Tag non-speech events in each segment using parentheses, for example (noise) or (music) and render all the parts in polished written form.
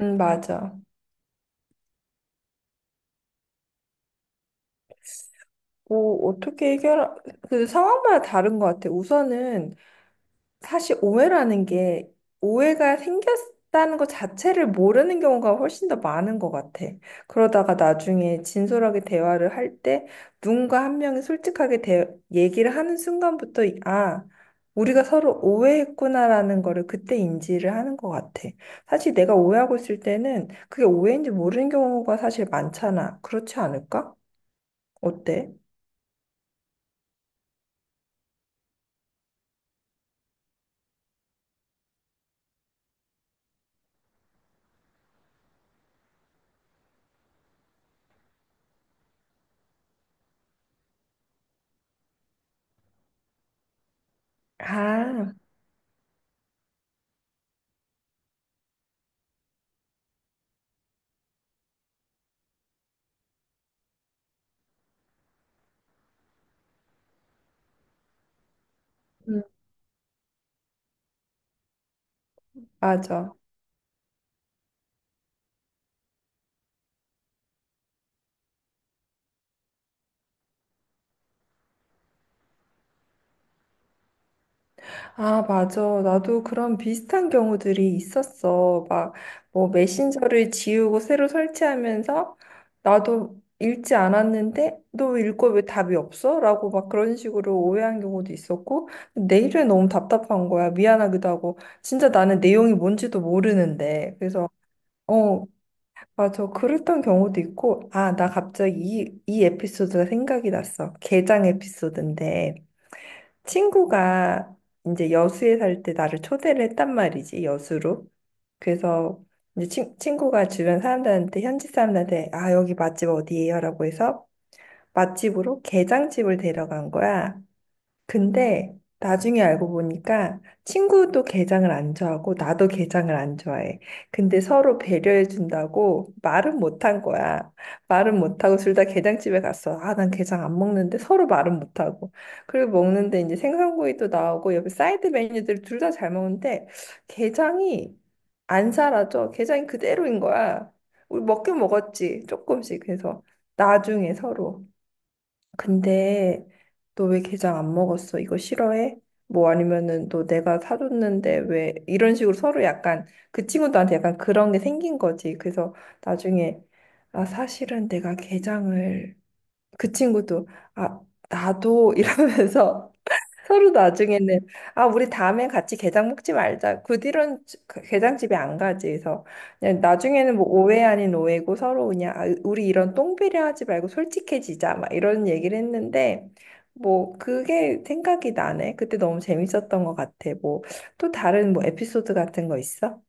맞아. 뭐, 어떻게 해결, 그 상황마다 다른 것 같아. 우선은 사실 오해라는 게 오해가 생겼다는 것 자체를 모르는 경우가 훨씬 더 많은 것 같아. 그러다가 나중에 진솔하게 대화를 할 때 누군가 한 명이 솔직하게 얘기를 하는 순간부터, 우리가 서로 오해했구나라는 거를 그때 인지를 하는 것 같아. 사실 내가 오해하고 있을 때는 그게 오해인지 모르는 경우가 사실 많잖아. 그렇지 않을까? 어때? 아, 음, 맞아. 아, 맞아. 나도 그런 비슷한 경우들이 있었어. 막, 뭐, 메신저를 지우고 새로 설치하면서 나도 읽지 않았는데, 너 읽고 왜 답이 없어? 라고 막 그런 식으로 오해한 경우도 있었고, 내일은 너무 답답한 거야. 미안하기도 하고, 진짜 나는 내용이 뭔지도 모르는데. 그래서, 어, 맞아. 그랬던 경우도 있고, 아, 나 갑자기 이 에피소드가 생각이 났어. 게장 에피소드인데. 친구가 이제 여수에 살 때 나를 초대를 했단 말이지, 여수로. 그래서 이제 친구가 주변 사람들한테, 현지 사람들한테, 아, 여기 맛집 어디예요? 라고 해서 맛집으로 게장집을 데려간 거야. 근데 나중에 알고 보니까 친구도 게장을 안 좋아하고 나도 게장을 안 좋아해. 근데 서로 배려해 준다고 말은 못 한 거야. 말은 못하고 둘 다 게장집에 갔어. 아, 난 게장 안 먹는데 서로 말은 못하고. 그리고 먹는데 이제 생선구이도 나오고 옆에 사이드 메뉴들 둘 다 잘 먹는데 게장이 안 사라져. 게장이 그대로인 거야. 우리 먹긴 먹었지. 조금씩. 그래서 나중에 서로. 근데 너 왜 게장 안 먹었어? 이거 싫어해? 뭐 아니면은 너 내가 사줬는데 왜 이런 식으로 서로 약간 그 친구들한테 약간 그런 게 생긴 거지. 그래서 나중에 아 사실은 내가 게장을 그 친구도 아 나도 (laughs) 이러면서 서로 나중에는 아 우리 다음엔 같이 게장 먹지 말자. 그 뒤로는 그 게장집에 안 가지. 그래서 그냥 나중에는 뭐 오해 아닌 오해고 서로 그냥 아, 우리 이런 똥배려 하지 말고 솔직해지자 막 이런 얘기를 했는데 뭐 그게 생각이 나네. 그때 너무 재밌었던 것 같아. 뭐 또 다른 뭐 에피소드 같은 거 있어?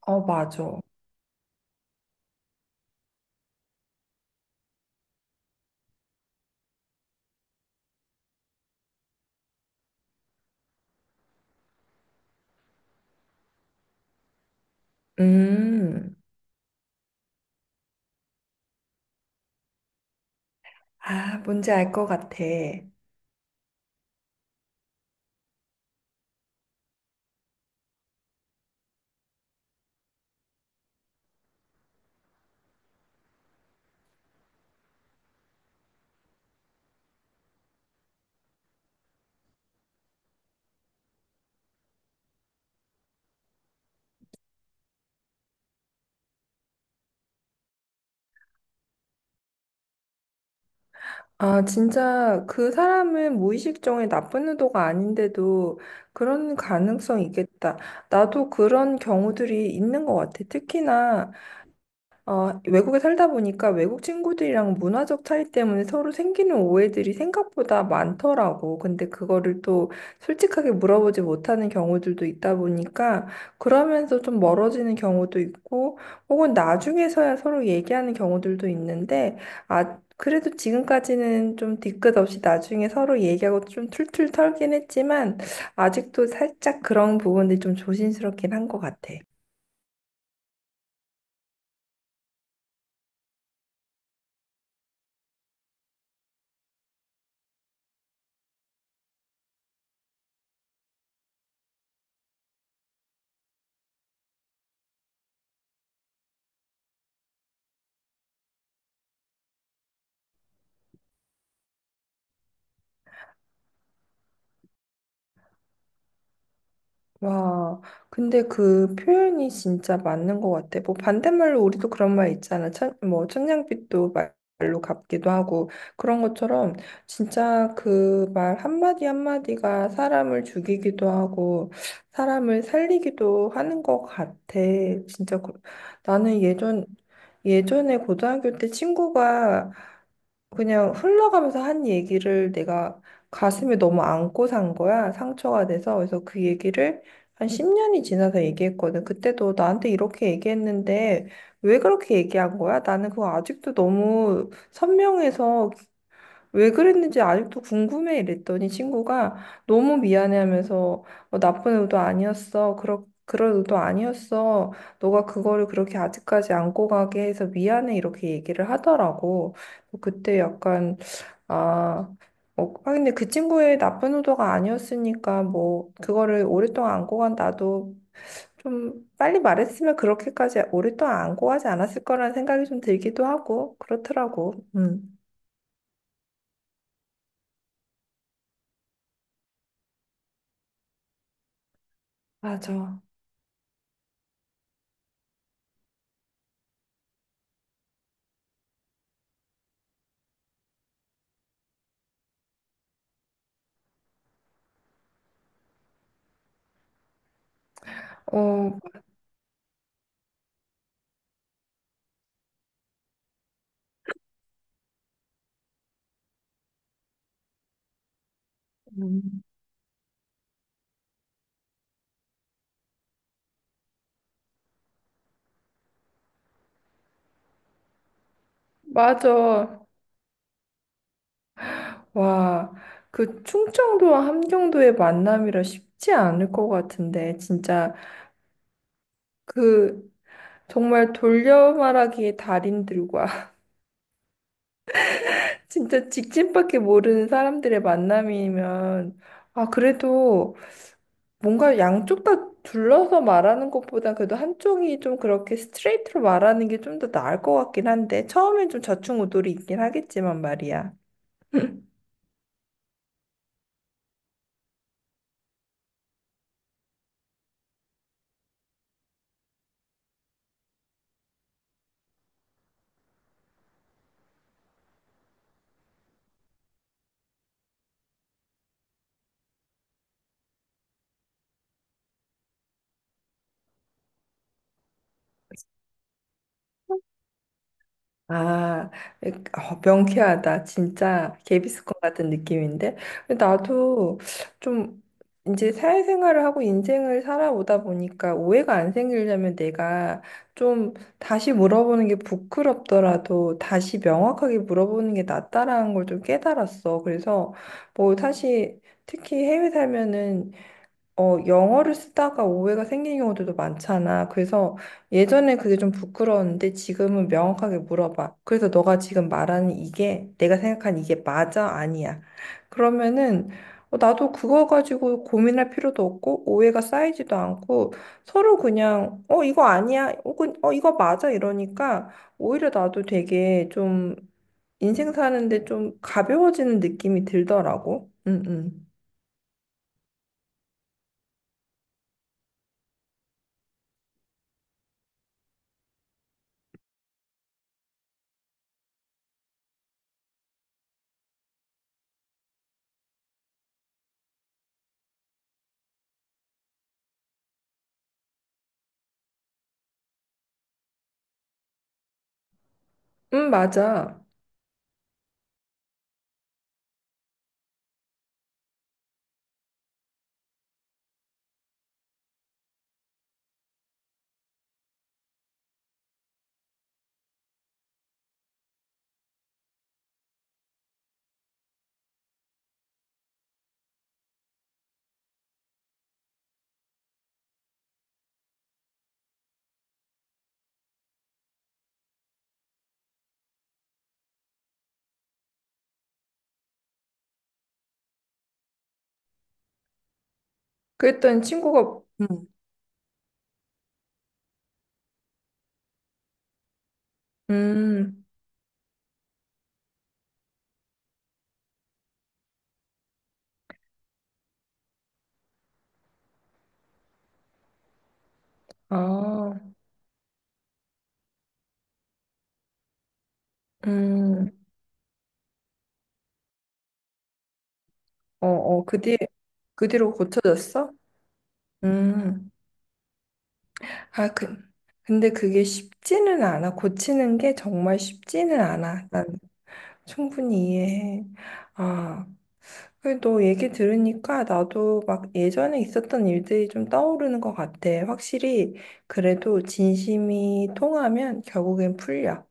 어 맞아. 음. 아 뭔지 알 것 같아. 아, 진짜 그 사람은 무의식적인 나쁜 의도가 아닌데도 그런 가능성이 있겠다. 나도 그런 경우들이 있는 것 같아. 특히나 어 외국에 살다 보니까 외국 친구들이랑 문화적 차이 때문에 서로 생기는 오해들이 생각보다 많더라고. 근데 그거를 또 솔직하게 물어보지 못하는 경우들도 있다 보니까 그러면서 좀 멀어지는 경우도 있고 혹은 나중에서야 서로 얘기하는 경우들도 있는데 아, 그래도 지금까지는 좀 뒤끝 없이 나중에 서로 얘기하고 좀 툴툴 털긴 했지만 아직도 살짝 그런 부분들이 좀 조심스럽긴 한 것 같아. 와, 근데 그 표현이 진짜 맞는 것 같아. 뭐 반대말로 우리도 그런 말 있잖아. 천, 뭐 말로 갚기도 하고 그런 것처럼 진짜 그 말 한마디 한마디가 사람을 죽이기도 하고 사람을 살리기도 하는 것 같아. 진짜 그- 나는 예전에 고등학교 때 친구가 그냥 흘러가면서 한 얘기를 내가 가슴에 너무 안고 산 거야. 상처가 돼서. 그래서 그 얘기를 한 10년이 지나서 얘기했거든. 그때도 나한테 이렇게 얘기했는데 왜 그렇게 얘기한 거야? 나는 그거 아직도 너무 선명해서 왜 그랬는지 아직도 궁금해 이랬더니 친구가 너무 미안해 하면서 어, 나쁜 의도 아니었어. 그런 의도 아니었어. 너가 그거를 그렇게 아직까지 안고 가게 해서 미안해 이렇게 얘기를 하더라고. 그때 약간 아, 근데 그 친구의 나쁜 의도가 아니었으니까, 뭐, 그거를 오랫동안 안고 간 나도 좀 빨리 말했으면 그렇게까지 오랫동안 안고 가지 않았을 거라는 생각이 좀 들기도 하고, 그렇더라고. 음. 맞아. 어, 음. 맞아. 와, 그 충청도와 함경도의 만남이라 쉽지 않을 것 같은데, 진짜 그 정말 돌려 말하기의 달인들과 (laughs) 진짜 직진밖에 모르는 사람들의 만남이면, 아, 그래도 뭔가 양쪽 다 둘러서 말하는 것보다 그래도 한쪽이 좀 그렇게 스트레이트로 말하는 게 좀 더 나을 것 같긴 한데, 처음엔 좀 좌충우돌이 있긴 하겠지만 말이야. (laughs) 아, 어, 명쾌하다. 진짜 개비스콘 같은 느낌인데. 근데 나도 좀 이제 사회생활을 하고 인생을 살아오다 보니까 오해가 안 생기려면 내가 좀 다시 물어보는 게 부끄럽더라도 다시 명확하게 물어보는 게 낫다라는 걸 좀 깨달았어. 그래서 뭐 사실 특히 해외 살면은 어, 영어를 쓰다가 오해가 생기는 경우들도 많잖아. 그래서 예전에 그게 좀 부끄러웠는데 지금은 명확하게 물어봐. 그래서 너가 지금 말하는 이게 내가 생각한 이게 맞아? 아니야? 그러면은 어, 나도 그거 가지고 고민할 필요도 없고 오해가 쌓이지도 않고 서로 그냥 어, 이거 아니야? 혹은 어, 이거 맞아? 이러니까 오히려 나도 되게 좀 인생 사는데 좀 가벼워지는 느낌이 들더라고. 응, 응. 응, 맞아. 그랬더니 친구가 응. 음, 음, 아, 음, 어, 어, 그 뒤에, 그 뒤로 고쳐졌어? 음, 아, 그, 근데 그게 쉽지는 않아. 고치는 게 정말 쉽지는 않아. 난 충분히 이해해. 아, 그래, 너 얘기 들으니까 나도 막 예전에 있었던 일들이 좀 떠오르는 것 같아. 확실히, 그래도 진심이 통하면 결국엔 풀려.